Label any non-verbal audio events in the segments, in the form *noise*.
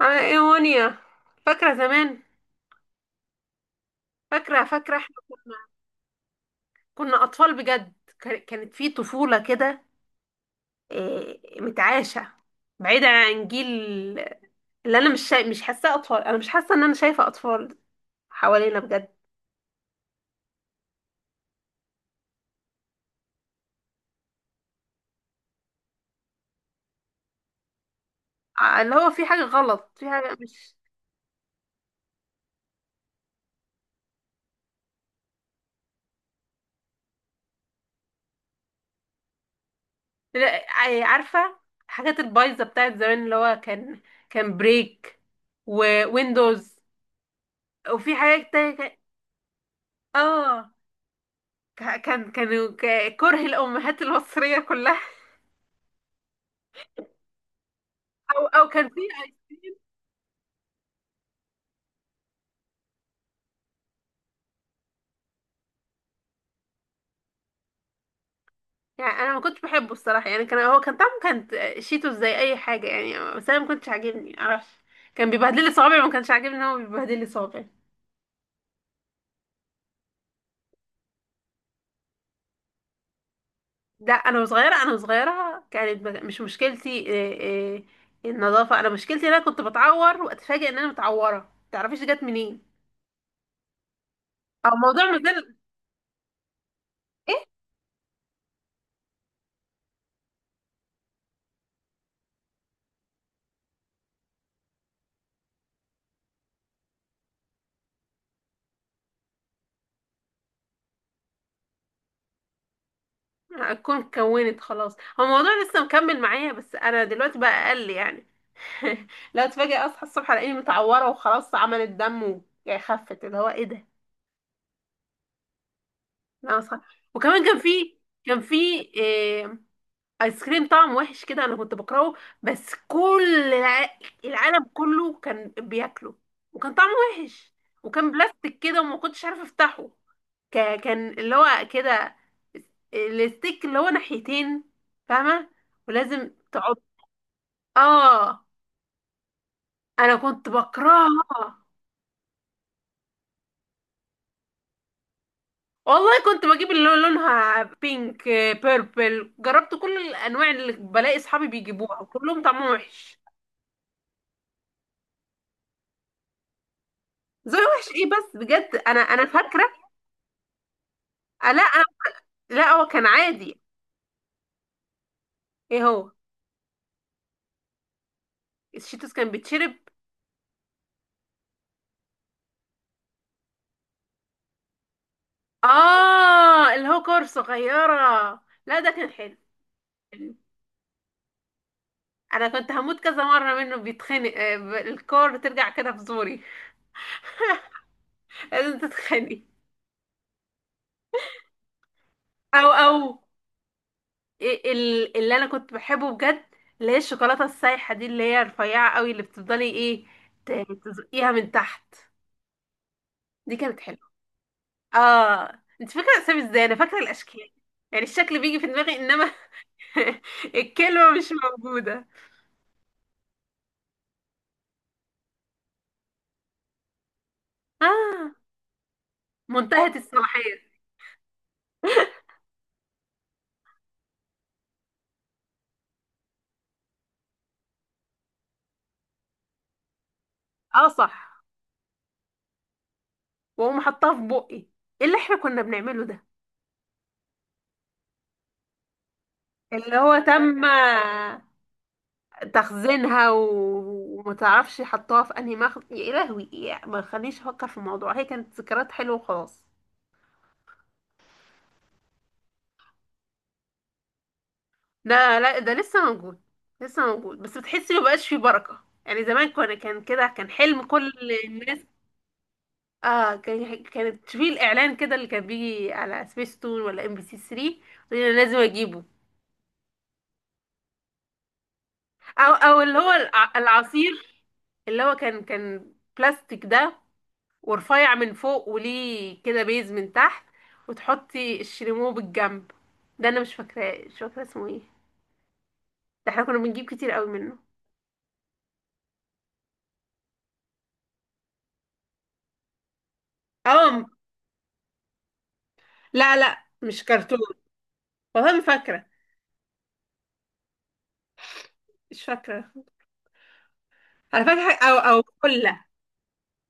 ايه وانيا، فاكرة زمان؟ فاكرة احنا كنا أطفال بجد. كانت في طفولة كده، إيه، متعاشة، بعيدة عن جيل. اللي أنا مش شا... مش حاساه أطفال، أنا مش حاسة إن أنا شايفة أطفال حوالينا بجد. اللي هو في حاجة غلط، في حاجة مش. لا، عارفة، الحاجات البايظة بتاعت زمان اللي هو كان بريك، وويندوز، وفي حاجات تانية كان-. اه، كره الامهات المصريه كلها. او كان في ايس كريم. يعني انا ما كنتش بحبه الصراحه، يعني كان، هو كان طعمه كانت شيتو زي اي حاجه يعني، بس انا ما كنتش عاجبني، معرفش. كان بيبهدل لي صوابعي، ما كانش عاجبني ان هو بيبهدل لي صوابعي. لا، انا صغيره كانت، مش مشكلتي إيه، إيه، النظافه. انا مشكلتي ان انا كنت بتعور واتفاجئ ان انا متعوره، ما تعرفيش جت منين. او موضوع ما زال. ايه، اكون كونت خلاص، هو الموضوع لسه مكمل معايا، بس انا دلوقتي بقى اقل يعني. *laughs* لا، اتفاجئ اصحى الصبح الاقيني متعوره وخلاص، عملت دم و- يعني خفت، اللي هو ايه ده. لا اصحى. وكمان كان في، كان في إيه، ايس كريم طعم وحش كده انا كنت بكرهه، بس كل العالم كله كان بياكله، وكان طعمه وحش، وكان بلاستيك كده وما كنتش عارفه افتحه. كان اللي هو كده، الستيك اللي هو ناحيتين، فاهمه؟ ولازم تقعد. اه، انا كنت بكرهها. والله كنت بجيب اللي هو لونها بينك، بيربل، جربت كل الانواع اللي بلاقي اصحابي بيجيبوها وكلهم طعمهم وحش. زي وحش ايه بس؟ بجد، انا فاكره. آه، لا آه، لا هو كان عادي. ايه هو؟ الشيتوس كان بيتشرب؟ اه، اللي هو كور صغيره، لا ده كان حلو. انا كنت هموت كذا مره منه، بيتخنق، الكور بترجع كده في زوري. *laughs* لازم تتخنق. او او. إيه، اللي انا كنت بحبه بجد، اللي هي الشوكولاته السايحه دي، اللي هي رفيعه قوي، اللي بتفضلي ايه، تزقيها من تحت. دي كانت حلوه. اه، انت فاكره الاسامي ازاي؟ انا فاكره الاشكال، يعني الشكل بيجي في دماغي، انما *laughs* الكلمه مش موجوده. اه. منتهيه الصلاحيه. اه صح. واقوم حطاها في بقي. ايه اللي احنا كنا بنعمله ده؟ اللي هو تم تخزينها و- وما تعرفش حطوها في انهي مخ. يا لهوي، يا ما خلينيش افكر في الموضوع، هي كانت ذكريات حلوه وخلاص. لا لا، ده لسه موجود. لسه موجود، بس بتحسي ما بقاش فيه بركه، يعني زمان كان كده، كان حلم كل الناس. اه، كانت تشوفي الاعلان كده اللي كان بيجي على سبيس تون ولا ام بي سي 3، انا لازم اجيبه. او او اللي هو العصير، اللي هو كان بلاستيك ده، ورفيع من فوق وليه كده بيز من تحت، وتحطي الشريمو بالجنب. ده انا مش فاكراه، مش فاكره اسمه ايه، ده احنا كنا بنجيب كتير قوي منه. اه. لا لا، مش كرتون. والله ما فاكره، مش فاكره. انا فاكره او او فله،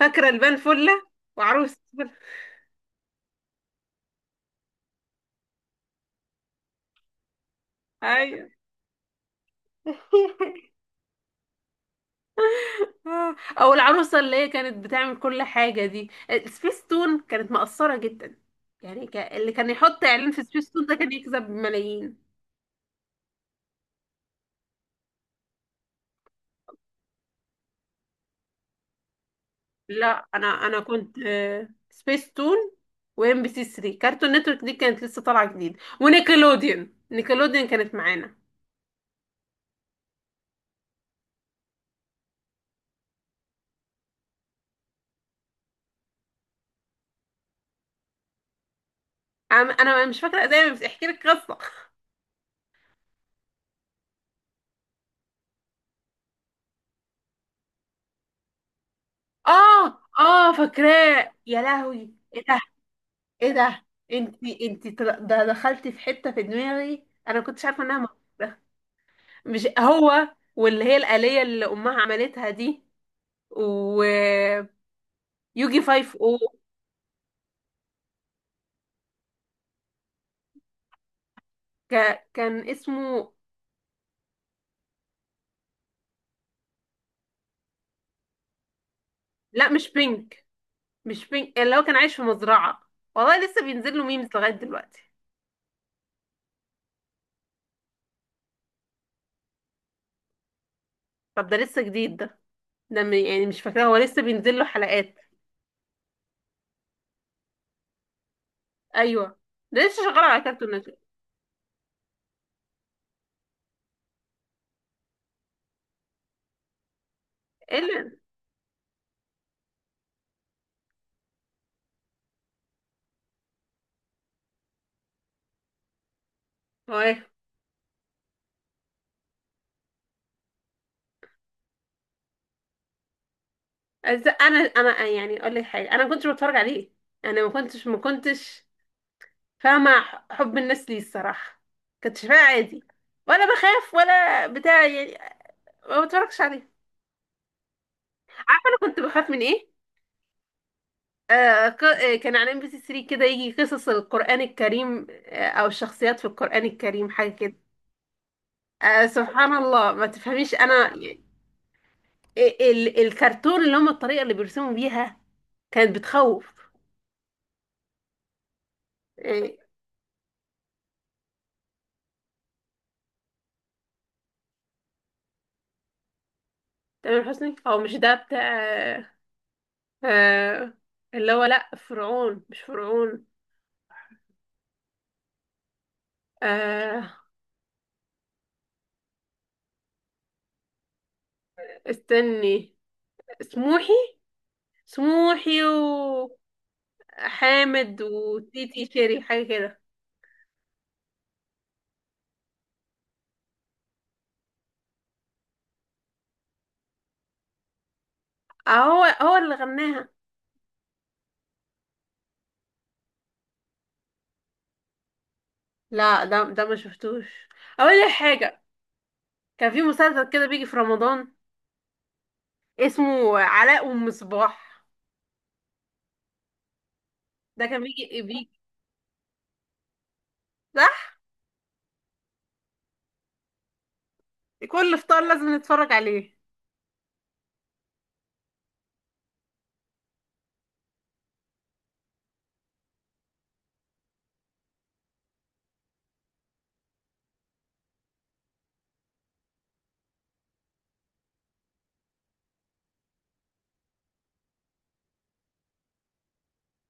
فاكره البان فله، وعروس فلة. ايوه. *laughs* آه، او العروسه اللي هي كانت بتعمل كل حاجه دي. سبيس تون كانت مقصره جدا، يعني ك... اللي كان يحط اعلان في سبيس تون ده كان يكسب ملايين. لا، انا كنت سبيس تون وام بي سي 3. كارتون نتورك دي كانت لسه طالعه جديد، ونيكلوديون، نيكلوديون كانت معانا. انا مش فاكره، زي بس احكي لك قصه. اه اه، فاكراه. يا لهوي ايه ده؟ ايه ده؟ انت طل- ده دخلتي في حته في دماغي انا ما كنتش عارفه انها موجوده. مش هو، واللي هي الآلية اللي امها عملتها دي، ويوجي 5. او ك... كان اسمه لا مش بينك، مش بينج، اللي هو كان عايش في مزرعة، والله لسه بينزل له ميمز لغاية دلوقتي. طب ده لسه جديد ده؟ ده م- يعني مش فاكراه، هو لسه بينزل له حلقات. ايوه، ده لسه شغال على كرتون نتورك. ايه اللي هو ايه؟ انا يعني اقول لك حاجة، انا ما كنتش بتفرج عليه، انا ما كنتش فاهمة حب الناس ليه الصراحة، كنت شايفاه عادي ولا بخاف ولا بتاع يعني، ما بتفرجش عليه. عارفة انا كنت بخاف من ايه؟ كان على ام بي سي 3 كده، يجي قصص القرآن الكريم، او الشخصيات في القرآن الكريم، حاجة كده. آه، سبحان الله، ما تفهميش، ال الكرتون اللي هم الطريقة اللي بيرسموا بيها كانت بتخوف يعني. تامر حسني، او مش ده بتاع، آه، اللي هو لا فرعون، مش فرعون، آه، استني، سموحي، سموحي، وحامد، وتيتي شيري، حاجة كده. هو هو اللي غناها. لا ده، ده ما شفتوش. اقول لك حاجه، كان في مسلسل كده بيجي في رمضان، اسمه علاء ام صباح. ده كان بيجي، صح؟ كل فطار لازم نتفرج عليه.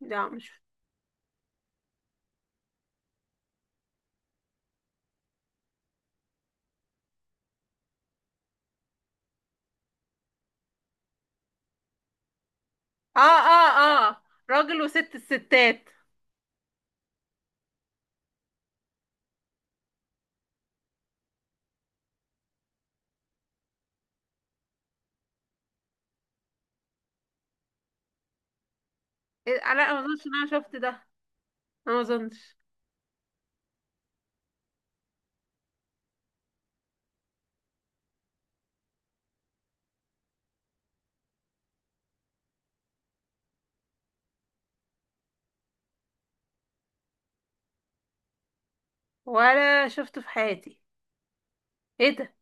لا مش. اه اه اه، راجل وست الستات. إيه، علاء، ما اظنش ان انا شفت ده، أنا ما اظنش، ولا شفته في حياتي. ايه ده؟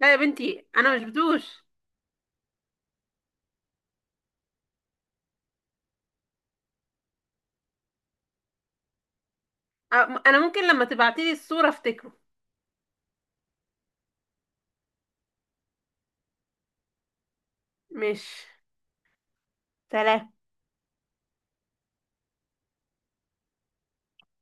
لا يا بنتي، انا مش بدوش. أ- انا ممكن لما تبعتيلي الصوره افتكره. مش. سلام.